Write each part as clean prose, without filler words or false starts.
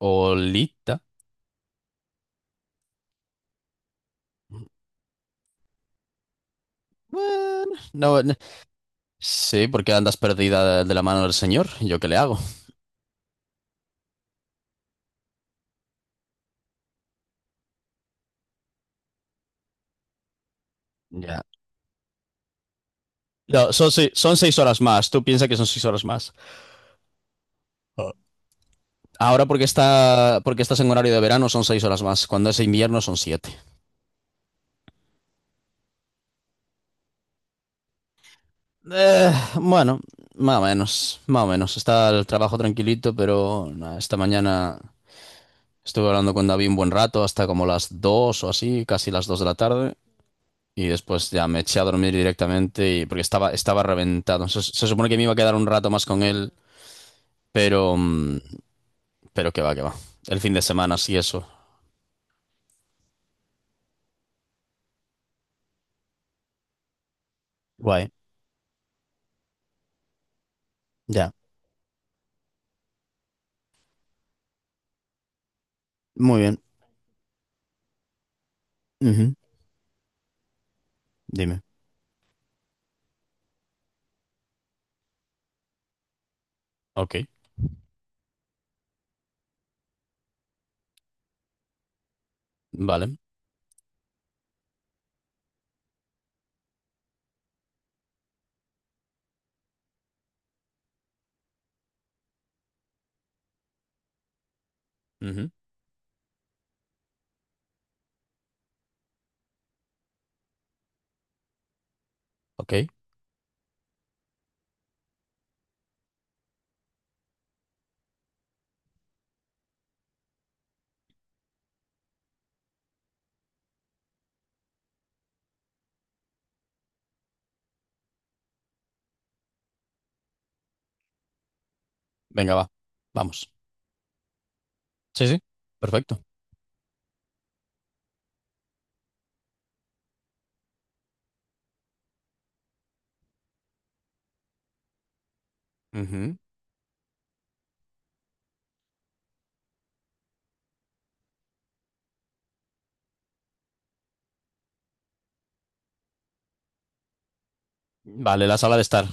Olita. Bueno, no. Sí, porque andas perdida de la mano del señor. ¿Yo qué le hago? Ya. No, son, se- Son seis horas más. Tú piensas que son seis horas más. Ahora porque estás en horario de verano son seis horas más. Cuando es invierno son siete. Eh, bueno, más o menos, más o menos. Está el trabajo tranquilito, pero nah, esta mañana estuve hablando con David un buen rato, hasta como las dos o así, casi las dos de la tarde. Y después ya me eché a dormir directamente porque estaba reventado. Se supone que me iba a quedar un rato más con él, pero, mm, pero que va, que va. El fin de semana, sí, eso. Guay, ya. Muy bien. Ujú. Dime. Ok, vale. Ujú. Ok, venga, va. Vamos. Sí, sí, perfecto. Ujú. Vale, la sala de estar.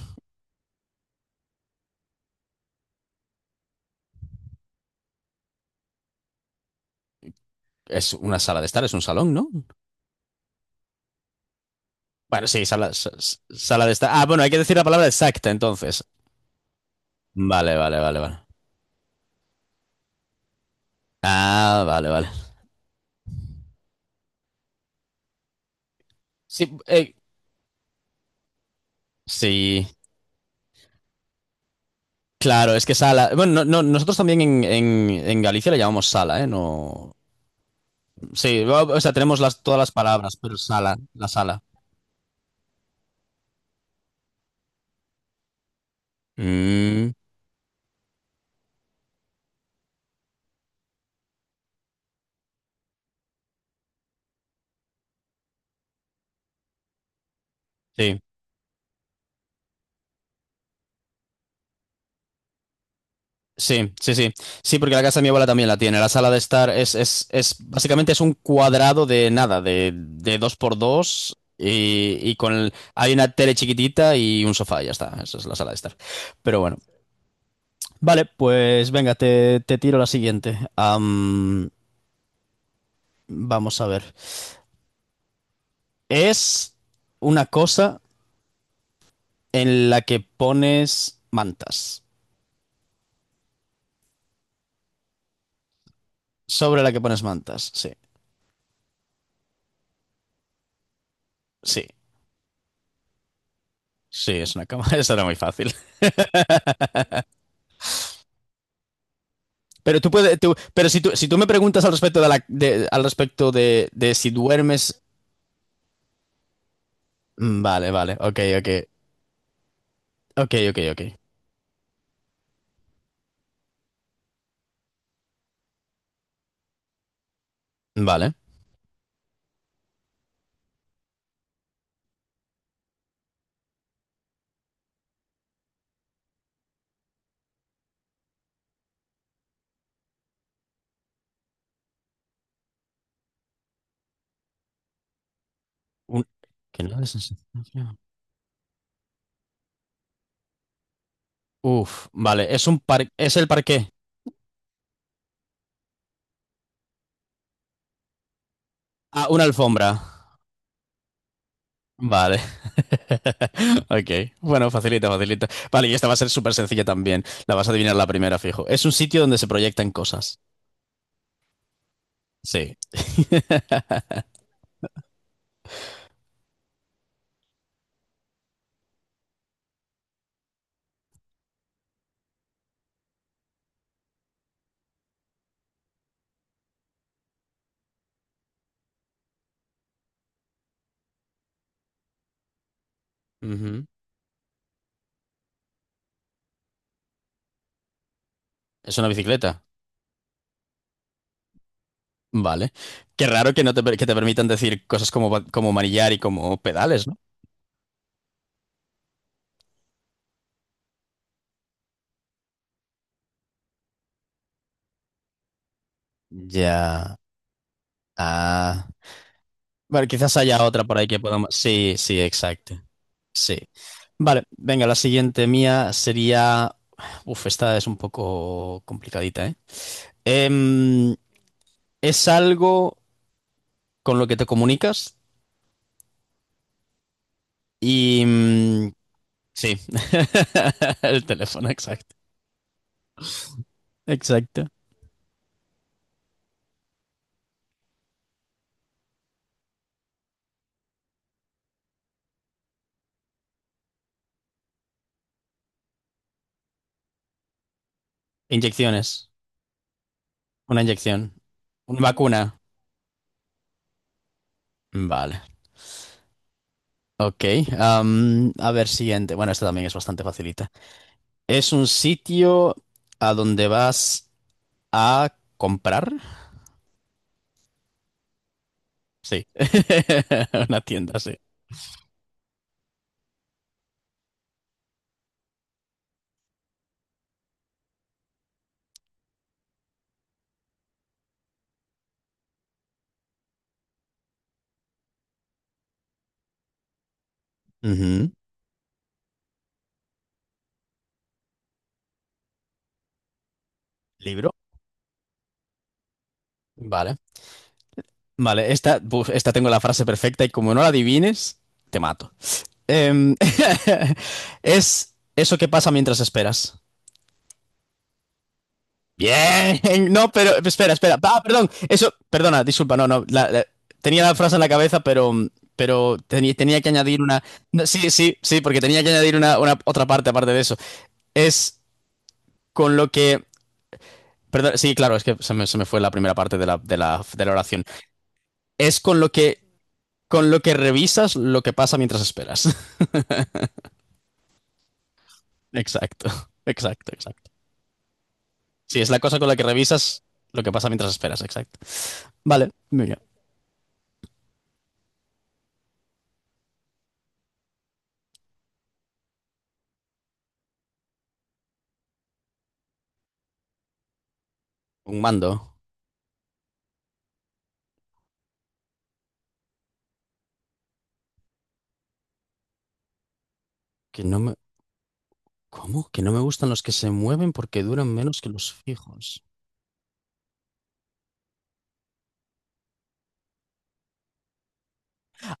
Es una sala de estar, es un salón, ¿no? Bueno, sí, sala de estar. Ah, bueno, hay que decir la palabra exacta entonces. Vale, vale, vale, vale. Ah, vale, vale. Sí, sí, claro, es que sala. Bueno, no- no, nosotros también en Galicia le llamamos sala, ¿eh? No. Sí, o sea, tenemos todas las palabras, pero sala, la sala. Mm, sí, sí, sí, sí. Sí, porque la casa de mi abuela también la tiene. La sala de estar es básicamente es un cuadrado de nada, de dos por dos. Y con el- hay una tele chiquitita y un sofá, y ya está. Esa es la sala de estar. Pero bueno. Vale, pues venga, te tiro la siguiente. Vamos a ver. Es una cosa en la que pones mantas. Sobre la que pones mantas, sí. Sí, sí, es una cama. Eso era muy fácil. Pero tú puedes, tú- pero si tú me preguntas al respecto al respecto de si duermes. Mm. Vale, vale, ok, ok. Ok, ok, ok. Vale. Un- ¿Qué no es esa sensación? Uf, vale, es el parqué. Ah, una alfombra. Vale. Ok. Bueno, facilita, facilita. Vale, y esta va a ser súper sencilla también. La vas a adivinar la primera, fijo. Es un sitio donde se proyectan cosas. Sí. Ujú. Es una bicicleta. Vale. Qué raro que no te, per- que te permitan decir cosas como, como manillar y como pedales, ¿no? Ya. Ah. Vale, quizás haya otra por ahí que podamos. Sí, sí, exacto. Sí. Vale, venga, la siguiente mía sería. Uf, esta es un poco complicadita, ¿eh? Em, Es algo con lo que te comunicas y sí, el teléfono, exacto. Exacto. Inyecciones, una inyección, una vacuna. Vale, ok. Am, a ver, siguiente. Bueno, esta también es bastante facilita. Es un sitio a donde vas a comprar. Sí, una tienda, sí. Ujú. Libro. Vale. Vale, esta, buf, esta tengo la frase perfecta y como no la adivines, te mato. Em, es eso que pasa mientras esperas. Bien, no, pero espera, espera. Ah, perdón, eso, perdona, disculpa, no, no. Tenía la frase en la cabeza, pero tenía que añadir una. No, sí, sí, sí, porque tenía que añadir una otra parte aparte de eso. Es con lo que. Perdón, sí, claro, es que se me fue la primera parte de la oración. Es con lo que revisas lo que pasa mientras esperas. Exacto, exacto, exacto. Sí, es la cosa con la que revisas lo que pasa mientras esperas, exacto. Vale, mira. Un mando que no me... ¿Cómo? Que no me gustan los que se mueven porque duran menos que los fijos.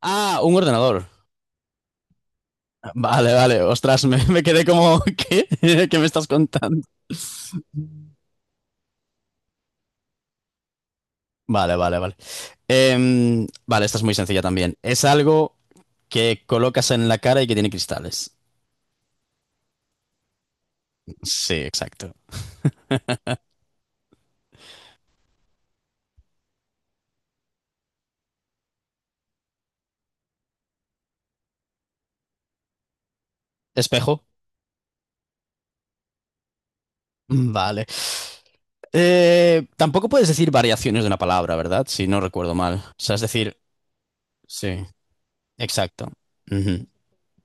Ah, un ordenador. Vale, vale. Ostras, me quedé como... ¿Qué? ¿Qué me estás contando? Vale, vale, vale. Vale, esta es muy sencilla también. Es algo que colocas en la cara y que tiene cristales. Sí, exacto. Espejo. Vale. Tampoco puedes decir variaciones de una palabra, ¿verdad? Si no recuerdo mal. O sea, es decir, sí, exacto. Ujú,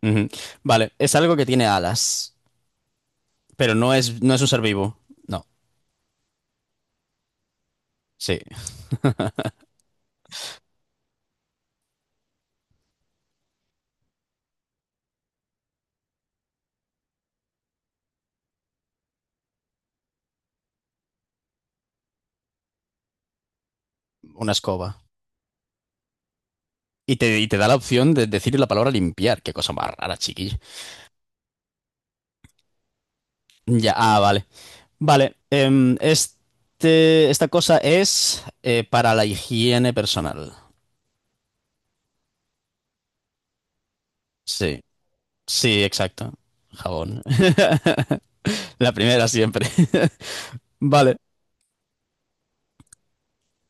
ujú. Vale, es algo que tiene alas, pero no es un ser vivo. No, sí, una escoba. Y y te da la opción de decir la palabra limpiar. Qué cosa más rara, chiquillo. Ya, ah, vale. Vale, esta cosa es para la higiene personal. Sí, sí, exacto. Jabón. La primera siempre. Vale,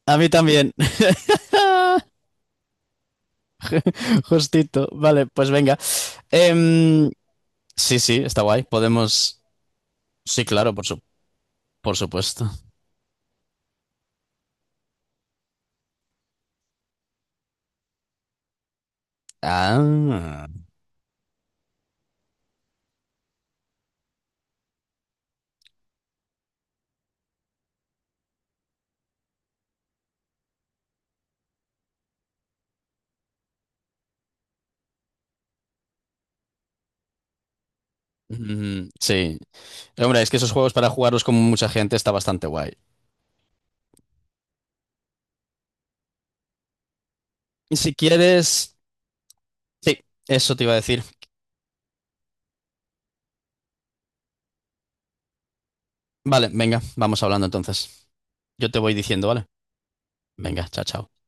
a mí también. Justito. Vale, pues venga. Em, Sí, sí, está guay. Podemos. Sí, claro, por supuesto. Ah. Mm, sí. Hombre, es que esos juegos para jugarlos con mucha gente está bastante guay. Y si quieres. Sí, eso te iba a decir. Vale, venga, vamos hablando entonces. Yo te voy diciendo, ¿vale? Venga, chao, chao.